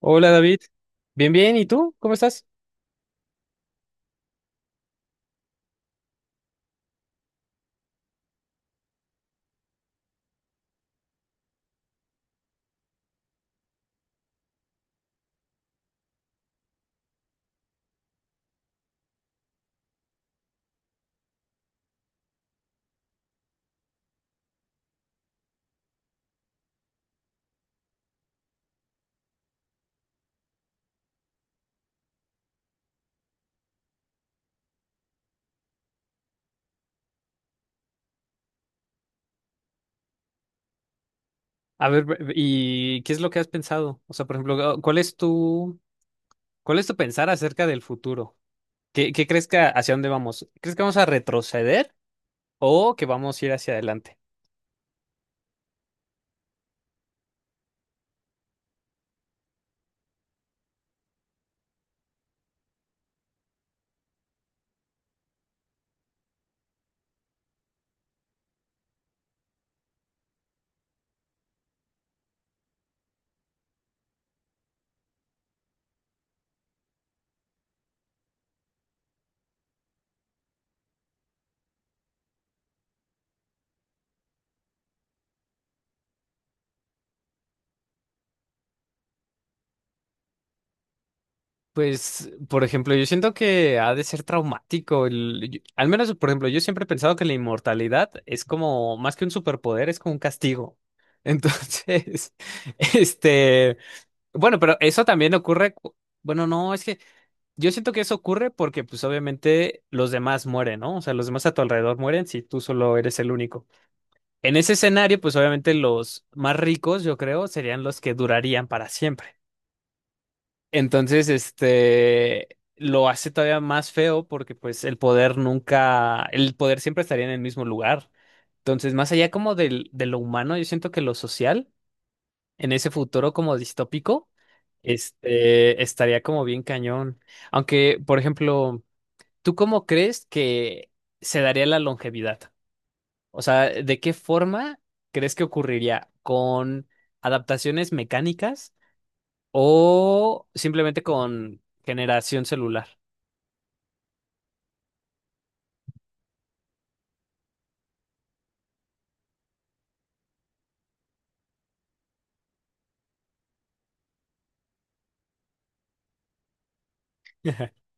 Hola David, bien, bien, ¿y tú? ¿Cómo estás? A ver, ¿y qué es lo que has pensado? O sea, por ejemplo, oh, ¿cuál es tu pensar acerca del futuro? ¿Qué crees que hacia dónde vamos? ¿Crees que vamos a retroceder o que vamos a ir hacia adelante? Pues, por ejemplo, yo siento que ha de ser traumático. Al menos, por ejemplo, yo siempre he pensado que la inmortalidad es como, más que un superpoder, es como un castigo. Entonces, este, bueno, pero eso también ocurre, bueno, no, es que. Yo siento que eso ocurre porque, pues, obviamente los demás mueren, ¿no? O sea, los demás a tu alrededor mueren si tú solo eres el único. En ese escenario, pues, obviamente los más ricos, yo creo, serían los que durarían para siempre. Entonces, este, lo hace todavía más feo porque, pues, el poder nunca, el poder siempre estaría en el mismo lugar. Entonces, más allá como de lo humano, yo siento que lo social, en ese futuro como distópico, este, estaría como bien cañón. Aunque, por ejemplo. ¿Tú cómo crees que se daría la longevidad? O sea, ¿de qué forma crees que ocurriría? ¿Con adaptaciones mecánicas o simplemente con generación celular?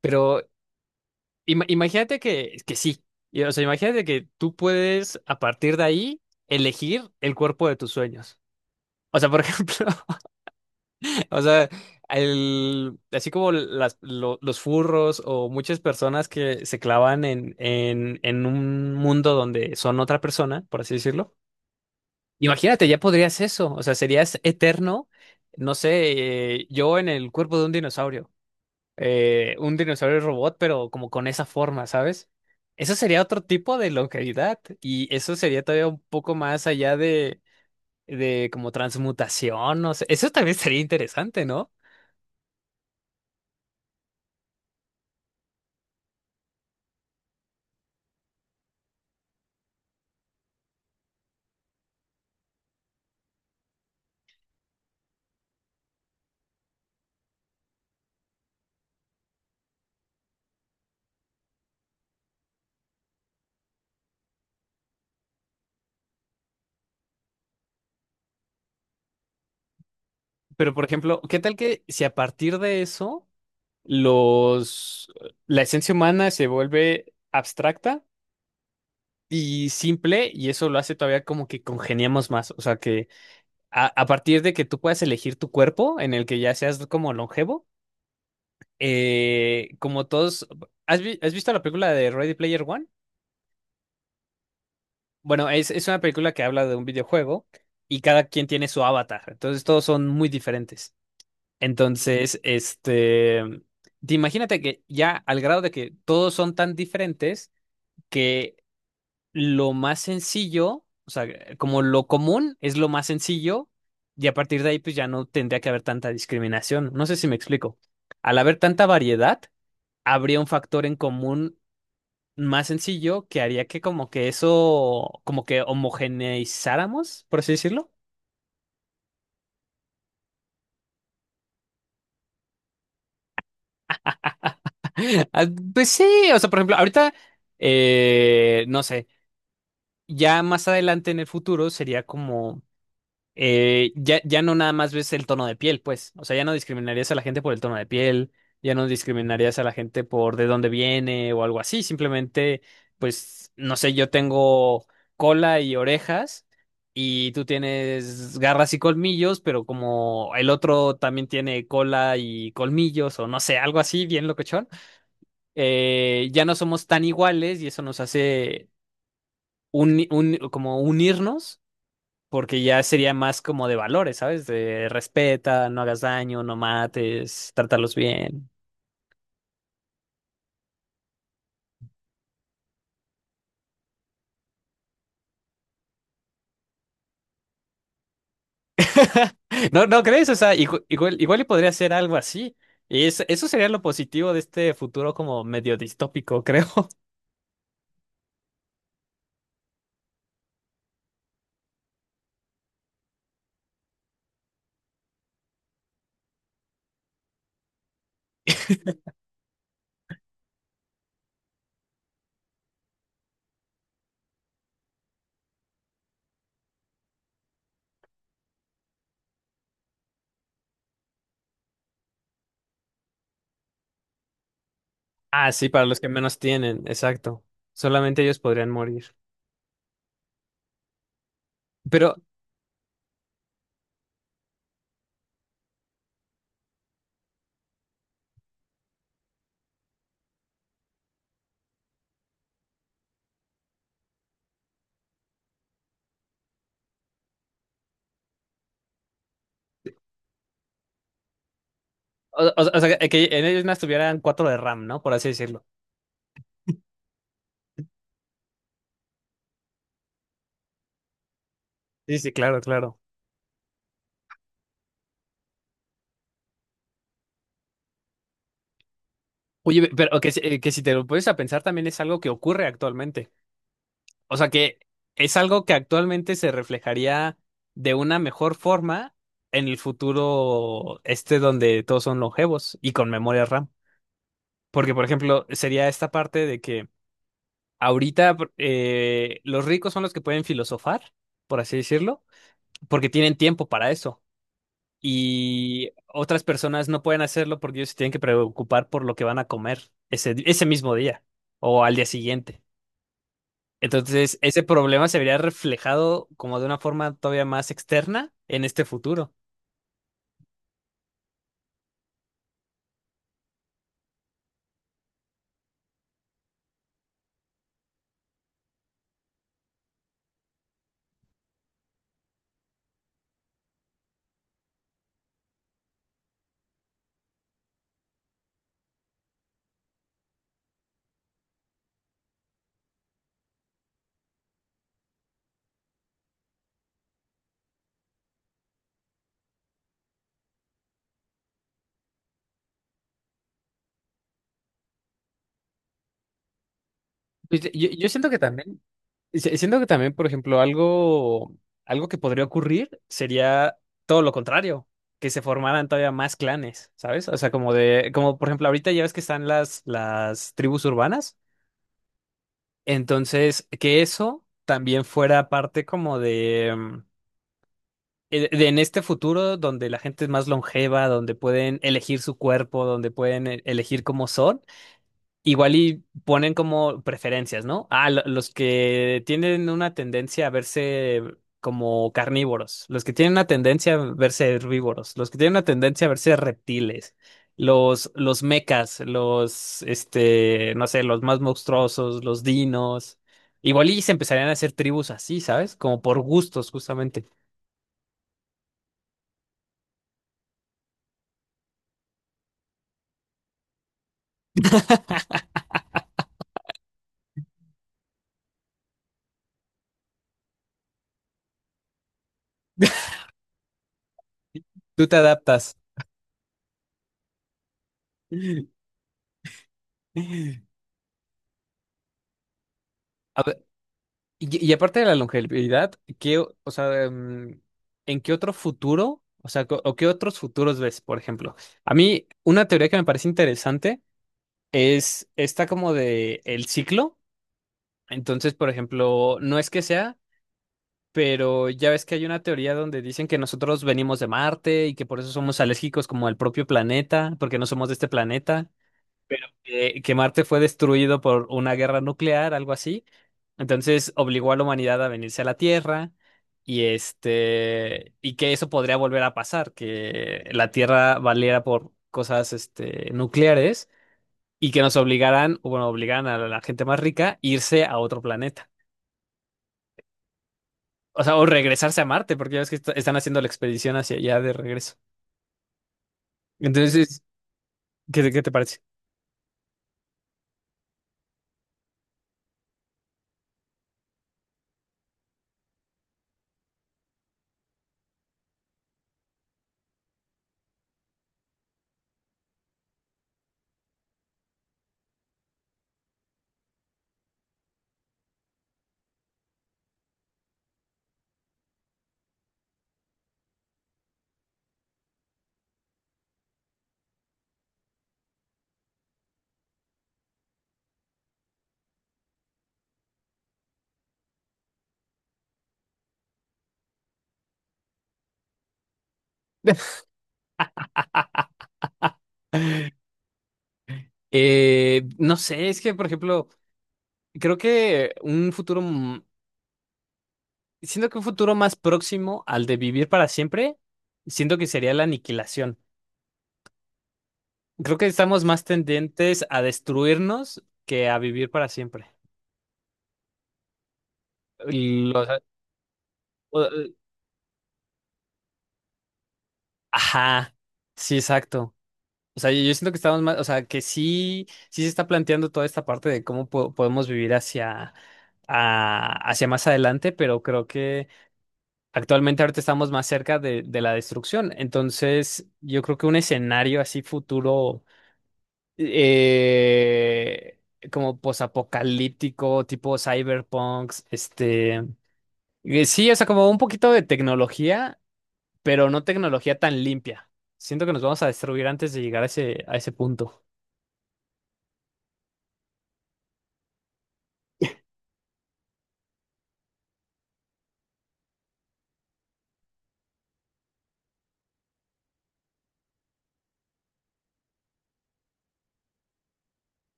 Pero imagínate que sí. O sea, imagínate que tú puedes a partir de ahí elegir el cuerpo de tus sueños. O sea, por ejemplo, o sea, así como los furros o muchas personas que se clavan en un mundo donde son otra persona, por así decirlo. Imagínate, ya podrías eso. O sea, serías eterno, no sé, yo en el cuerpo de un dinosaurio. Un dinosaurio robot, pero como con esa forma, ¿sabes? Eso sería otro tipo de longevidad y eso sería todavía un poco más allá de como transmutación, no sé. Eso también sería interesante, ¿no? Pero, por ejemplo, ¿qué tal que si a partir de eso los la esencia humana se vuelve abstracta y simple y eso lo hace todavía como que congeniamos más? O sea, que a partir de que tú puedas elegir tu cuerpo en el que ya seas como longevo, como todos. ¿Has visto la película de Ready Player One? Bueno, es una película que habla de un videojuego y cada quien tiene su avatar, entonces todos son muy diferentes. Entonces, este, te imagínate que ya al grado de que todos son tan diferentes que lo más sencillo, o sea, como lo común es lo más sencillo y a partir de ahí pues ya no tendría que haber tanta discriminación. No sé si me explico. Al haber tanta variedad, habría un factor en común más sencillo que haría que como que eso, como que homogeneizáramos, por así decirlo. Ah, pues sí, o sea, por ejemplo, ahorita, no sé. Ya más adelante en el futuro sería como, ya no nada más ves el tono de piel, pues, o sea, ya no discriminarías a la gente por el tono de piel, ya no discriminarías a la gente por de dónde viene o algo así, simplemente, pues, no sé, yo tengo cola y orejas y tú tienes garras y colmillos, pero como el otro también tiene cola y colmillos o no sé, algo así, bien locochón, ya no somos tan iguales y eso nos hace. Como unirnos porque ya sería más como de valores, ¿sabes? De respeta, no hagas daño, no mates, trátalos bien. ¿No, no crees? O sea, igual, igual, y podría ser algo así. Y eso sería lo positivo de este futuro como medio distópico, creo. Ah, sí, para los que menos tienen, exacto. Solamente ellos podrían morir. Pero, o sea, que en ellos no estuvieran cuatro de RAM, ¿no? Por así decirlo. Sí, sí, claro, claro. Oye, pero que si te lo pones a pensar también es algo que ocurre actualmente. O sea que es algo que actualmente se reflejaría de una mejor forma en el futuro este donde todos son longevos y con memoria RAM. Porque, por ejemplo, sería esta parte de que ahorita los ricos son los que pueden filosofar, por así decirlo, porque tienen tiempo para eso. Y otras personas no pueden hacerlo porque ellos se tienen que preocupar por lo que van a comer ese mismo día o al día siguiente. Entonces, ese problema se vería reflejado como de una forma todavía más externa en este futuro. Pues, yo siento que también, siento que también, por ejemplo, algo que podría ocurrir sería todo lo contrario, que se formaran todavía más clanes, ¿sabes? O sea, como de, como por ejemplo, ahorita ya ves que están las tribus urbanas, entonces que eso también fuera parte como en este futuro donde la gente es más longeva, donde pueden elegir su cuerpo, donde pueden elegir cómo son, igual y ponen como preferencias, ¿no? Ah, los que tienen una tendencia a verse como carnívoros, los que tienen una tendencia a verse herbívoros, los que tienen una tendencia a verse reptiles, los mecas, este, no sé, los más monstruosos, los dinos. Igual y se empezarían a hacer tribus así, ¿sabes? Como por gustos, justamente. Tú te adaptas. A ver, y aparte de la longevidad, ¿qué, o sea, en qué otro futuro, o sea, o qué otros futuros ves, por ejemplo? A mí, una teoría que me parece interesante es esta como de el ciclo. Entonces, por ejemplo, no es que sea, pero ya ves que hay una teoría donde dicen que nosotros venimos de Marte y que por eso somos alérgicos como al propio planeta, porque no somos de este planeta. Que Marte fue destruido por una guerra nuclear, algo así. Entonces obligó a la humanidad a venirse a la Tierra y este y que eso podría volver a pasar, que la Tierra valiera por cosas este nucleares y que nos obligaran, o bueno, obligaran a la gente más rica a irse a otro planeta. O sea, o regresarse a Marte, porque ya ves que están haciendo la expedición hacia allá de regreso. Entonces, ¿qué te parece? No sé, es que, por ejemplo, creo que un futuro Siento que un futuro más próximo al de vivir para siempre, siento que sería la aniquilación. Creo que estamos más tendentes a destruirnos que a vivir para siempre. Lo- o- ajá, sí, exacto. O sea, yo siento que estamos más, o sea, que sí, sí se está planteando toda esta parte de cómo podemos vivir hacia, hacia más adelante, pero creo que actualmente ahorita estamos más cerca de la destrucción. Entonces, yo creo que un escenario así futuro. eh, como posapocalíptico, tipo cyberpunks, este, sí, o sea, como un poquito de tecnología, pero no tecnología tan limpia. Siento que nos vamos a destruir antes de llegar a ese punto.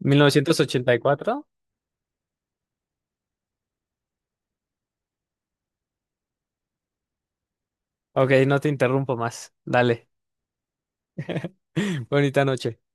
1984. Ok, no te interrumpo más. Dale. Bonita noche.